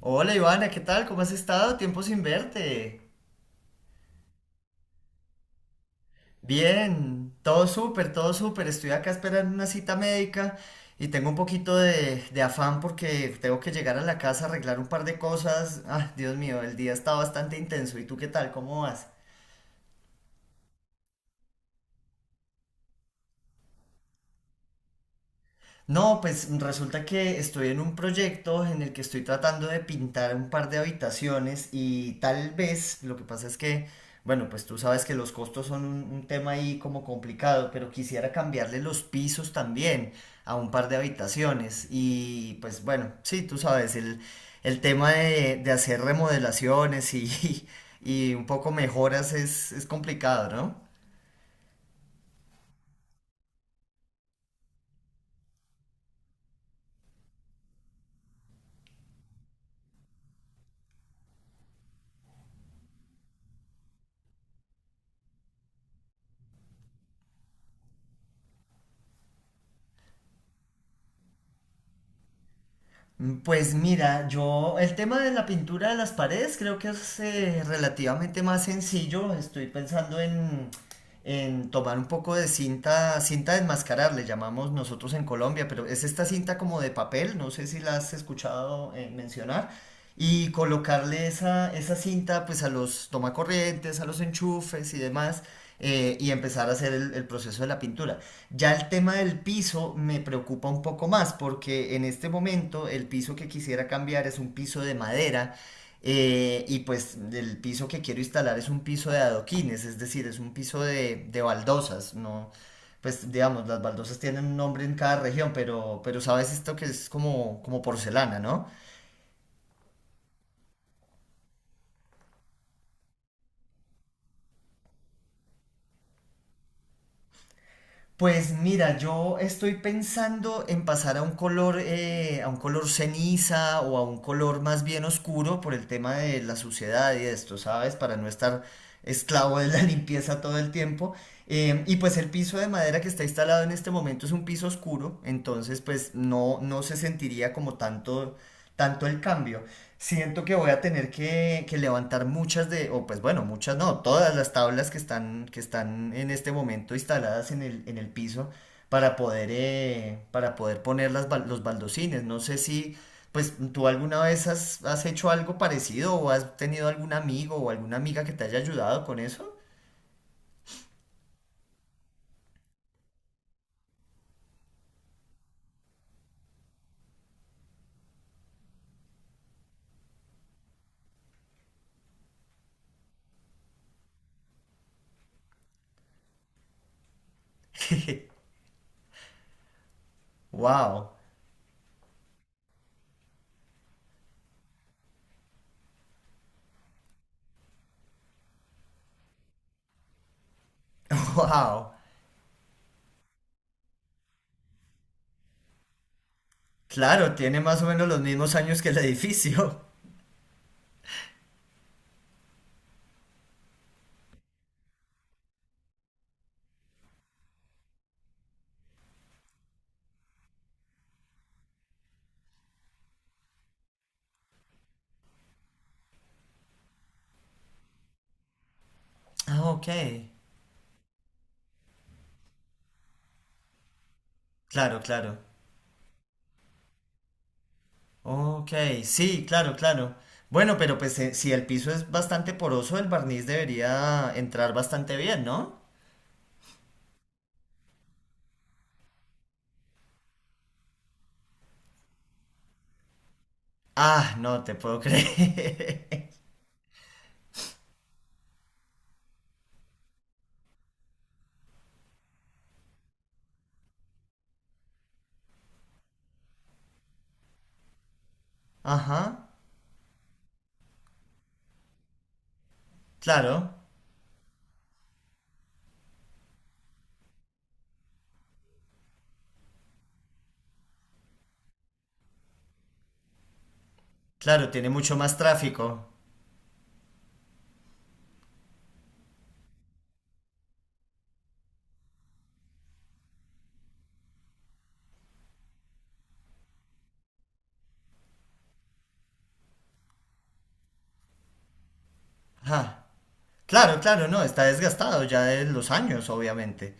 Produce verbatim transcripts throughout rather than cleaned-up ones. Hola Ivana, ¿qué tal? ¿Cómo has estado? Tiempo sin verte. Bien, todo súper, todo súper. Estoy acá esperando una cita médica y tengo un poquito de, de afán porque tengo que llegar a la casa a arreglar un par de cosas. Ah, Dios mío, el día está bastante intenso. ¿Y tú qué tal? ¿Cómo vas? No, pues resulta que estoy en un proyecto en el que estoy tratando de pintar un par de habitaciones y tal vez, lo que pasa es que, bueno, pues tú sabes que los costos son un, un tema ahí como complicado, pero quisiera cambiarle los pisos también a un par de habitaciones y pues bueno, sí, tú sabes, el, el tema de, de hacer remodelaciones y, y un poco mejoras es, es complicado, ¿no? Mm, Pues mira, yo el tema de la pintura de las paredes creo que es eh, relativamente más sencillo. Estoy pensando en, en tomar un poco de cinta, cinta de enmascarar, le llamamos nosotros en Colombia, pero es esta cinta como de papel, no sé si la has escuchado eh, mencionar, y colocarle esa, esa cinta pues a los tomacorrientes, a los enchufes y demás, eh, y empezar a hacer el el proceso de la pintura. Ya el tema del piso me preocupa un poco más porque en este momento el piso que quisiera cambiar es un piso de madera eh, y pues el piso que quiero instalar es un piso de adoquines, es decir, es un piso de, de baldosas, no, pues digamos, las baldosas tienen un nombre en cada región, pero, pero sabes esto que es como, como porcelana, ¿no? Pues mira, yo estoy pensando en pasar a un color, eh, a un color ceniza o a un color más bien oscuro por el tema de la suciedad y esto, ¿sabes? Para no estar esclavo de la limpieza todo el tiempo. Em, y pues el piso de madera que está instalado en este momento es un piso oscuro, entonces pues no, no se sentiría como tanto, tanto el cambio. Siento que voy a tener que, que levantar muchas de, o pues bueno, muchas no, todas las tablas que están, que están en este momento instaladas en el, en el piso para poder, eh, para poder poner las, bal- los baldocines. No sé si, pues tú alguna vez has, has hecho algo parecido o has tenido algún amigo o alguna amiga que te haya ayudado con eso. Wow, wow. Claro, tiene más o menos los mismos años que el edificio. Ah, ok. Claro, claro. Ok, sí, claro, claro. Bueno, pero pues eh, si el piso es bastante poroso, el barniz debería entrar bastante bien, ¿no? Ah, no te puedo creer. Ajá, claro, claro, tiene mucho más tráfico. Ah, claro, claro, no, está desgastado ya de los años, obviamente.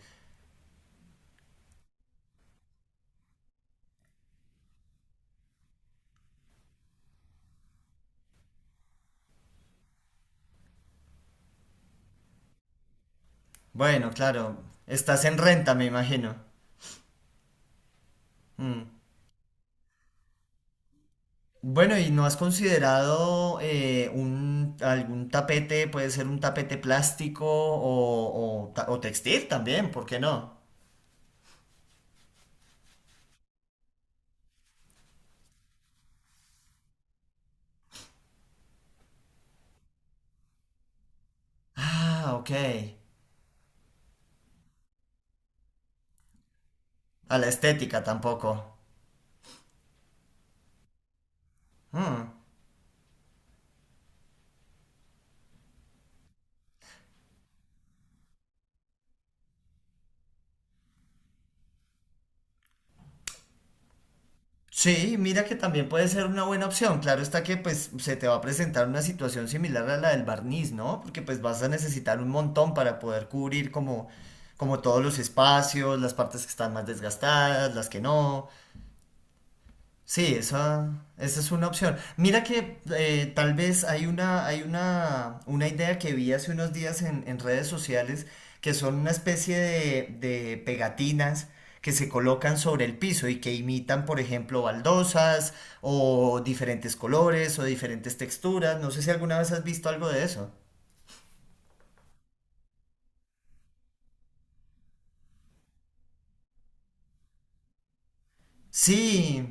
Bueno, claro, estás en renta, me imagino. Mm. Bueno, ¿y no has considerado eh, un, algún tapete, puede ser un tapete plástico o, o ta- o textil también, ¿por qué no? Ah, ok. A la estética tampoco. Mm. Sí, mira que también puede ser una buena opción. Claro está que pues se te va a presentar una situación similar a la del barniz, ¿no? Porque pues vas a necesitar un montón para poder cubrir como, como todos los espacios, las partes que están más desgastadas, las que no. Sí, esa, esa es una opción. Mira que eh, tal vez hay una, hay una, una idea que vi hace unos días en, en redes sociales que son una especie de, de pegatinas que se colocan sobre el piso y que imitan, por ejemplo, baldosas o diferentes colores o diferentes texturas. No sé si alguna vez has visto algo de eso. Sí,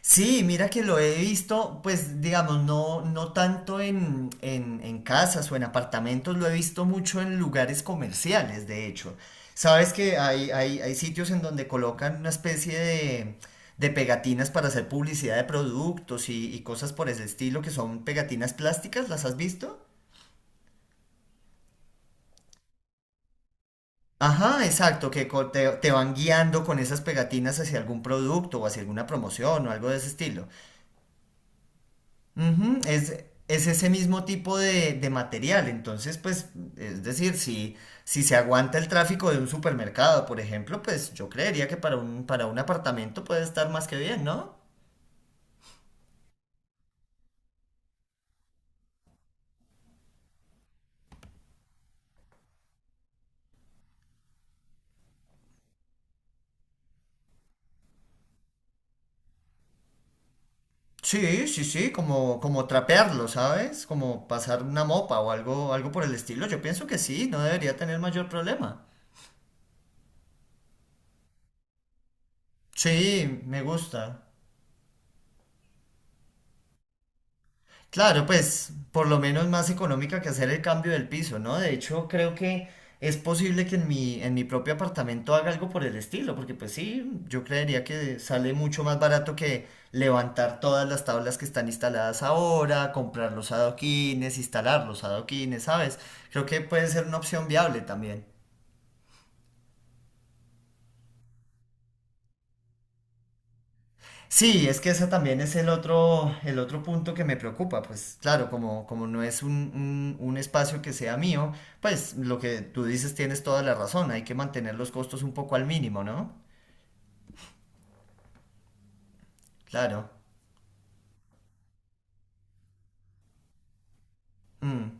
sí, mira que lo he visto, pues digamos, no, no tanto en, en, en casas o en apartamentos, lo he visto mucho en lugares comerciales, de hecho. Sabes que hay, hay, hay sitios en donde colocan una especie de, de pegatinas para hacer publicidad de productos y, y cosas por ese estilo, que son pegatinas plásticas, ¿las has visto? Ajá, exacto, que co- te, te van guiando con esas pegatinas hacia algún producto o hacia alguna promoción o algo de ese estilo. Ujú, Es, es ese mismo tipo de, de material. Entonces, pues, es decir, si, si se aguanta el tráfico de un supermercado, por ejemplo, pues yo creería que para un, para un apartamento puede estar más que bien, ¿no? Sí, sí, sí, como, como trapearlo, ¿sabes? Como pasar una mopa o algo, algo por el estilo. Yo pienso que sí, no debería tener mayor problema. Sí, me gusta. Claro, pues por lo menos más económica que hacer el cambio del piso, ¿no? De hecho, creo que es posible que en mi, en mi propio apartamento haga algo por el estilo, porque pues sí, yo creería que sale mucho más barato que levantar todas las tablas que están instaladas ahora, comprar los adoquines, instalar los adoquines, ¿sabes? Creo que puede ser una opción viable también. Sí, es que ese también es el otro, el otro punto que me preocupa. Pues claro, como, como no es un, un- un espacio que sea mío, pues lo que tú dices tienes toda la razón. Hay que mantener los costos un poco al mínimo, ¿no? Claro. Mm,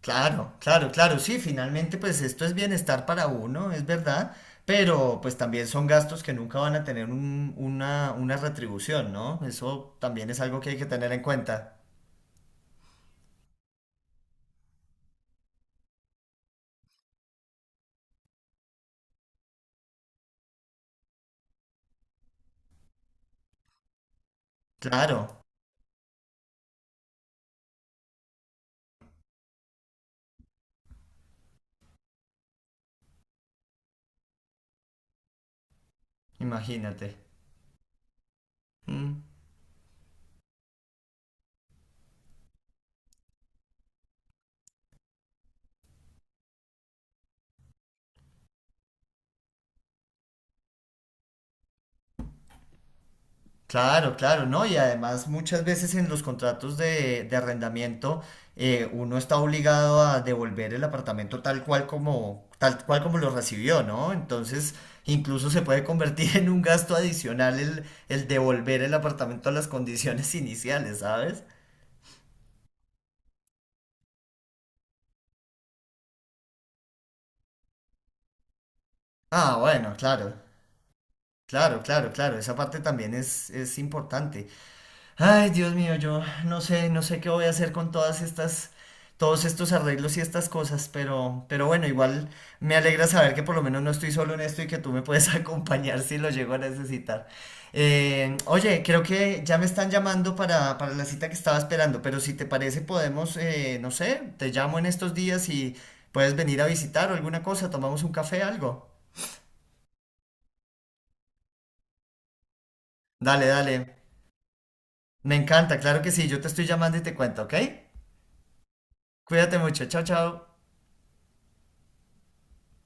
claro, claro, claro. Sí, finalmente pues esto es bienestar para uno, es verdad. Pero pues también son gastos que nunca van a tener un- una, una retribución, ¿no? Eso también es algo que hay que tener en cuenta. Claro, imagínate. Mm. Claro, claro, ¿no? Y además muchas veces en los contratos de, de arrendamiento eh, uno está obligado a devolver el apartamento tal cual como, tal cual como lo recibió, ¿no? Entonces incluso se puede convertir en un gasto adicional el, el devolver el apartamento a las condiciones iniciales, ¿sabes? Ah, bueno, claro, claro, claro, claro, esa parte también es, es importante. Ay, Dios mío, yo no sé, no sé qué voy a hacer con todas estas, todos estos arreglos y estas cosas, pero, pero bueno, igual me alegra saber que por lo menos no estoy solo en esto y que tú me puedes acompañar si lo llego a necesitar. Eh, oye, creo que ya me están llamando para, para la cita que estaba esperando, pero si te parece podemos, eh, no sé, te llamo en estos días y puedes venir a visitar o alguna cosa, tomamos un café, algo. Dale, dale, me encanta, claro que sí, yo te estoy llamando y te cuento, ¿ok? Cuídate mucho, chao, chao.